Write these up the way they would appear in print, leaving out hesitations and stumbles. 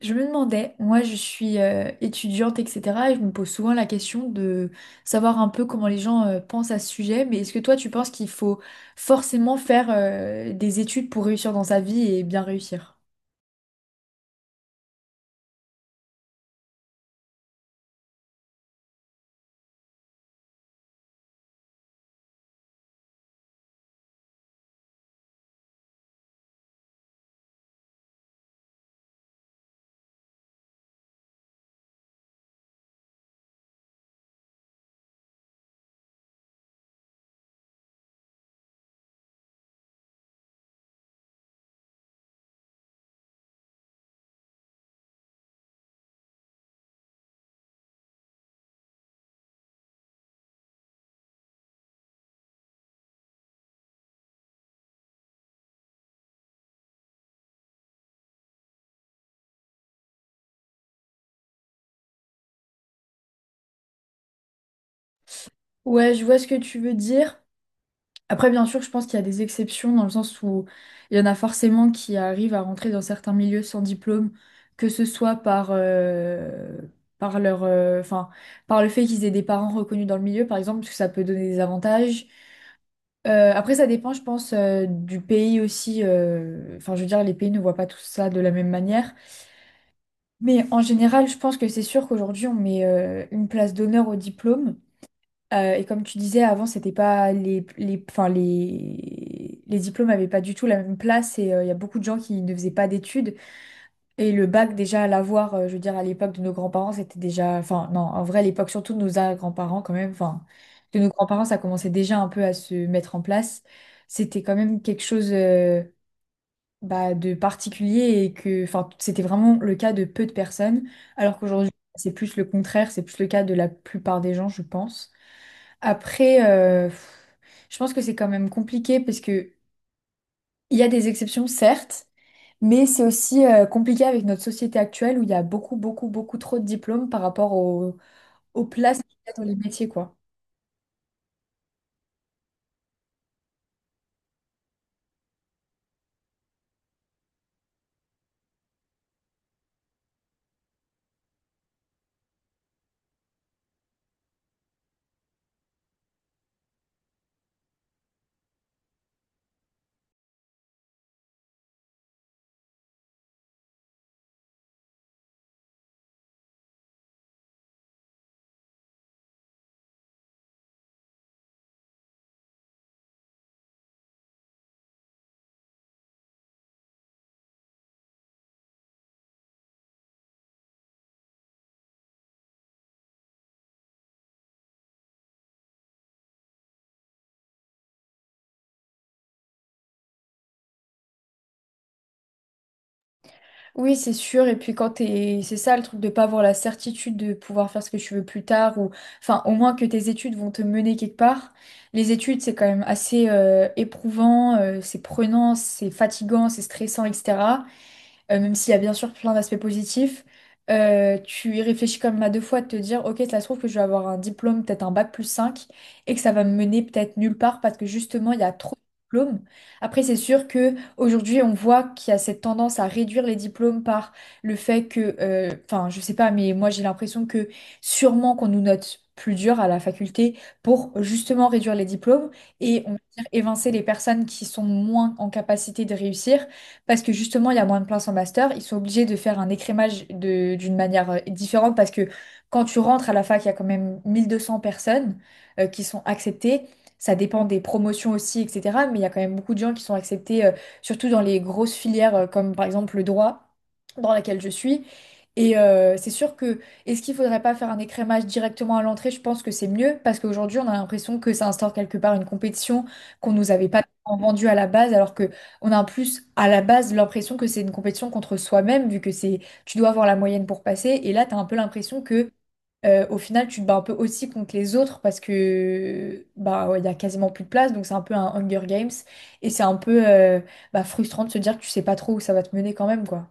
Je me demandais, moi je suis étudiante, etc. Et je me pose souvent la question de savoir un peu comment les gens pensent à ce sujet. Mais est-ce que toi tu penses qu'il faut forcément faire des études pour réussir dans sa vie et bien réussir? Ouais, je vois ce que tu veux dire. Après, bien sûr, je pense qu'il y a des exceptions dans le sens où il y en a forcément qui arrivent à rentrer dans certains milieux sans diplôme, que ce soit par leur, euh, enfin, par le fait qu'ils aient des parents reconnus dans le milieu, par exemple, parce que ça peut donner des avantages. Après, ça dépend, je pense, du pays aussi. Enfin, je veux dire, les pays ne voient pas tout ça de la même manière. Mais en général, je pense que c'est sûr qu'aujourd'hui, on met une place d'honneur au diplôme. Et comme tu disais, avant, c'était pas les diplômes n'avaient pas du tout la même place. Et il y a beaucoup de gens qui ne faisaient pas d'études. Et le bac, déjà, à l'avoir, je veux dire, à l'époque de nos grands-parents, c'était déjà. Enfin, non, en vrai, à l'époque, surtout de nos grands-parents, quand même, ça commençait déjà un peu à se mettre en place. C'était quand même quelque chose bah, de particulier et que. Enfin, c'était vraiment le cas de peu de personnes, alors qu'aujourd'hui, c'est plus le contraire, c'est plus le cas de la plupart des gens, je pense. Après, je pense que c'est quand même compliqué parce que il y a des exceptions, certes, mais c'est aussi compliqué avec notre société actuelle où il y a beaucoup, beaucoup, beaucoup trop de diplômes par rapport aux places qu'il y a dans les métiers, quoi. Oui, c'est sûr. C'est ça le truc de pas avoir la certitude de pouvoir faire ce que tu veux plus tard Enfin, au moins que tes études vont te mener quelque part. Les études, c'est quand même assez éprouvant, c'est prenant, c'est fatigant, c'est stressant, etc. Même s'il y a bien sûr plein d'aspects positifs, tu y réfléchis quand même à deux fois de te dire, ok, ça se trouve que je vais avoir un diplôme, peut-être un bac+5, et que ça va me mener peut-être nulle part parce que justement, il y a trop de diplômes. Après, c'est sûr que aujourd'hui, on voit qu'il y a cette tendance à réduire les diplômes par le fait que, enfin, je sais pas, mais moi j'ai l'impression que sûrement qu'on nous note plus dur à la faculté pour justement réduire les diplômes et on va dire évincer les personnes qui sont moins en capacité de réussir parce que justement, il y a moins de places en master. Ils sont obligés de faire un écrémage d'une manière différente parce que quand tu rentres à la fac, il y a quand même 1200 personnes qui sont acceptées. Ça dépend des promotions aussi, etc. Mais il y a quand même beaucoup de gens qui sont acceptés, surtout dans les grosses filières comme par exemple le droit dans laquelle je suis. Et c'est sûr que, est-ce qu'il faudrait pas faire un écrémage directement à l'entrée? Je pense que c'est mieux parce qu'aujourd'hui, on a l'impression que ça instaure quelque part une compétition qu'on nous avait pas vendue à la base, alors que on a en plus à la base l'impression que c'est une compétition contre soi-même, vu que c'est tu dois avoir la moyenne pour passer. Et là, tu as un peu l'impression que au final, tu te bats un peu aussi contre les autres parce que bah ouais, il y a quasiment plus de place, donc c'est un peu un Hunger Games. Et c'est un peu bah, frustrant de se dire que tu sais pas trop où ça va te mener quand même, quoi.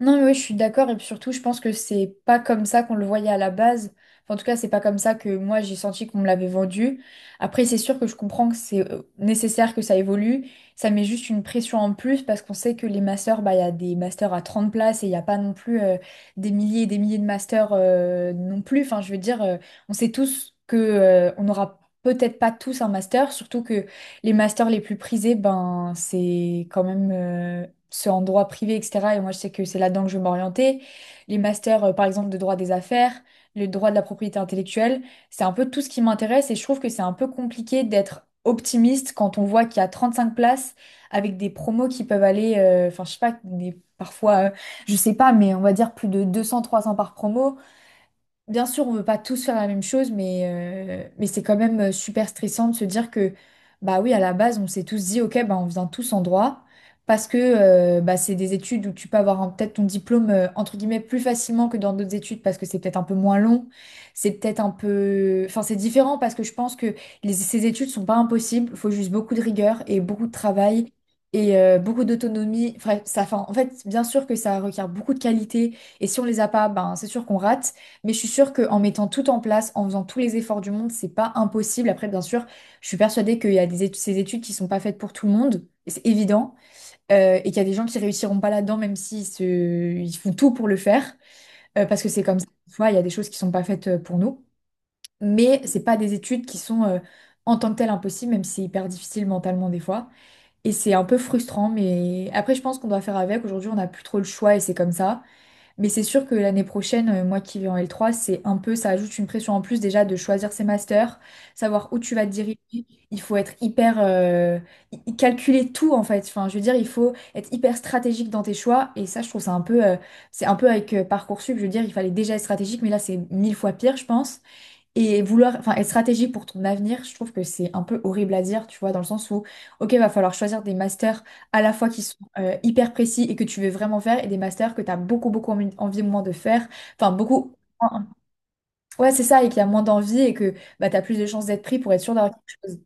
Non, mais oui, je suis d'accord. Et puis surtout, je pense que c'est pas comme ça qu'on le voyait à la base. Enfin, en tout cas, c'est pas comme ça que moi, j'ai senti qu'on me l'avait vendu. Après, c'est sûr que je comprends que c'est nécessaire que ça évolue. Ça met juste une pression en plus parce qu'on sait que les masters, bah, il y a des masters à 30 places et il n'y a pas non plus des milliers et des milliers de masters non plus. Enfin, je veux dire, on sait tous que on n'aura peut-être pas tous un master, surtout que les masters les plus prisés, ben, c'est quand même ceux en droit privé, etc. Et moi, je sais que c'est là-dedans que je veux m'orienter. Les masters, par exemple, de droit des affaires, le droit de la propriété intellectuelle, c'est un peu tout ce qui m'intéresse et je trouve que c'est un peu compliqué d'être optimiste quand on voit qu'il y a 35 places avec des promos qui peuvent aller, enfin, je sais pas, parfois, je sais pas, mais on va dire plus de 200-300 par promo. Bien sûr, on ne veut pas tous faire la même chose, mais c'est quand même super stressant de se dire que, bah oui, à la base, on s'est tous dit, ok, bah on vient tous en droit, parce que bah, c'est des études où tu peux avoir peut-être ton diplôme, entre guillemets, plus facilement que dans d'autres études, parce que c'est peut-être un peu moins long, c'est peut-être un peu. Enfin, c'est différent, parce que je pense que ces études sont pas impossibles, il faut juste beaucoup de rigueur et beaucoup de travail. Et beaucoup d'autonomie. Enfin, ça, enfin, en fait, bien sûr que ça requiert beaucoup de qualité. Et si on les a pas, ben, c'est sûr qu'on rate. Mais je suis sûre qu'en mettant tout en place, en faisant tous les efforts du monde, c'est pas impossible. Après, bien sûr, je suis persuadée qu'il y a des études, ces études qui sont pas faites pour tout le monde, et c'est évident, et qu'il y a des gens qui réussiront pas là-dedans, même ils font tout pour le faire, parce que c'est comme ça. Tu vois, il y a des choses qui sont pas faites pour nous. Mais c'est pas des études qui sont en tant que telles impossibles, même si c'est hyper difficile mentalement des fois. Et c'est un peu frustrant, mais après, je pense qu'on doit faire avec. Aujourd'hui, on n'a plus trop le choix et c'est comme ça. Mais c'est sûr que l'année prochaine, moi qui vais en L3, c'est un peu, ça ajoute une pression en plus déjà de choisir ses masters, savoir où tu vas te diriger. Il faut être hyper, calculer tout en fait. Enfin, je veux dire, il faut être hyper stratégique dans tes choix. Et ça, je trouve ça un peu, c'est un peu avec Parcoursup, je veux dire, il fallait déjà être stratégique, mais là, c'est mille fois pire, je pense. Et vouloir, enfin, être stratégique pour ton avenir, je trouve que c'est un peu horrible à dire, tu vois, dans le sens où, ok, va falloir choisir des masters à la fois qui sont hyper précis et que tu veux vraiment faire, et des masters que tu as beaucoup, beaucoup envie, envie moins de faire, enfin, beaucoup, ouais, c'est ça, et qu'il y a moins d'envie et que bah, tu as plus de chances d'être pris pour être sûr d'avoir quelque chose.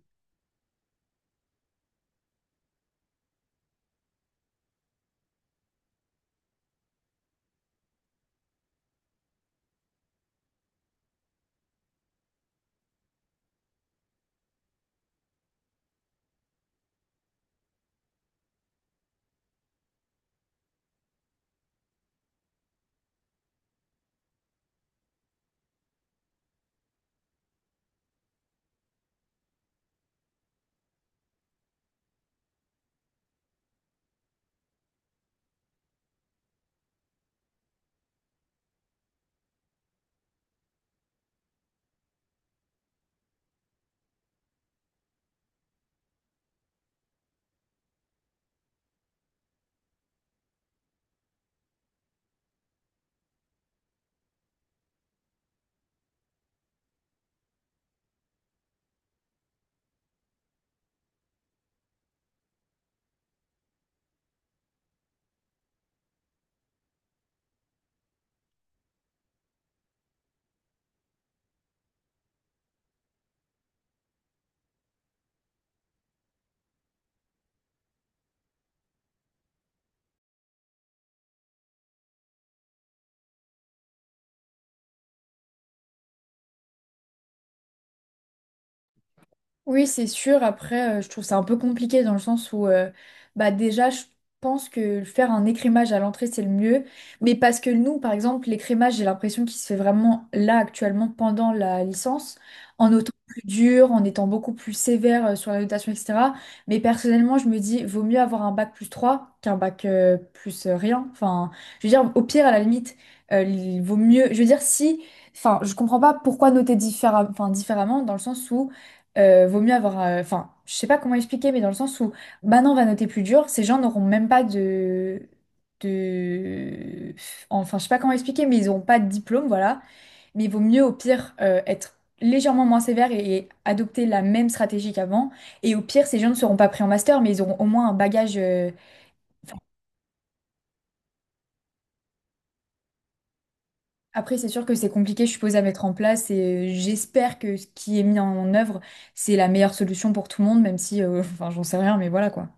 Oui, c'est sûr. Après, je trouve ça un peu compliqué dans le sens où, bah déjà, je pense que faire un écrémage à l'entrée, c'est le mieux. Mais parce que nous, par exemple, l'écrémage, j'ai l'impression qu'il se fait vraiment là, actuellement, pendant la licence, en notant plus dur, en étant beaucoup plus sévère sur la notation, etc. Mais personnellement, je me dis, vaut mieux avoir un bac+3 qu'un bac plus rien. Enfin, je veux dire, au pire, à la limite, il vaut mieux. Je veux dire, si. Enfin, je comprends pas pourquoi noter enfin, différemment, dans le sens où vaut mieux avoir. Enfin, je sais pas comment expliquer, mais dans le sens où maintenant on va noter plus dur, ces gens n'auront même pas de... Enfin, je sais pas comment expliquer, mais ils n'auront pas de diplôme, voilà. Mais il vaut mieux au pire être légèrement moins sévère et adopter la même stratégie qu'avant. Et au pire, ces gens ne seront pas pris en master, mais ils auront au moins un bagage. Enfin, après, c'est sûr que c'est compliqué, je suppose, à mettre en place et j'espère que ce qui est mis en œuvre, c'est la meilleure solution pour tout le monde, même si, enfin, j'en sais rien, mais voilà quoi.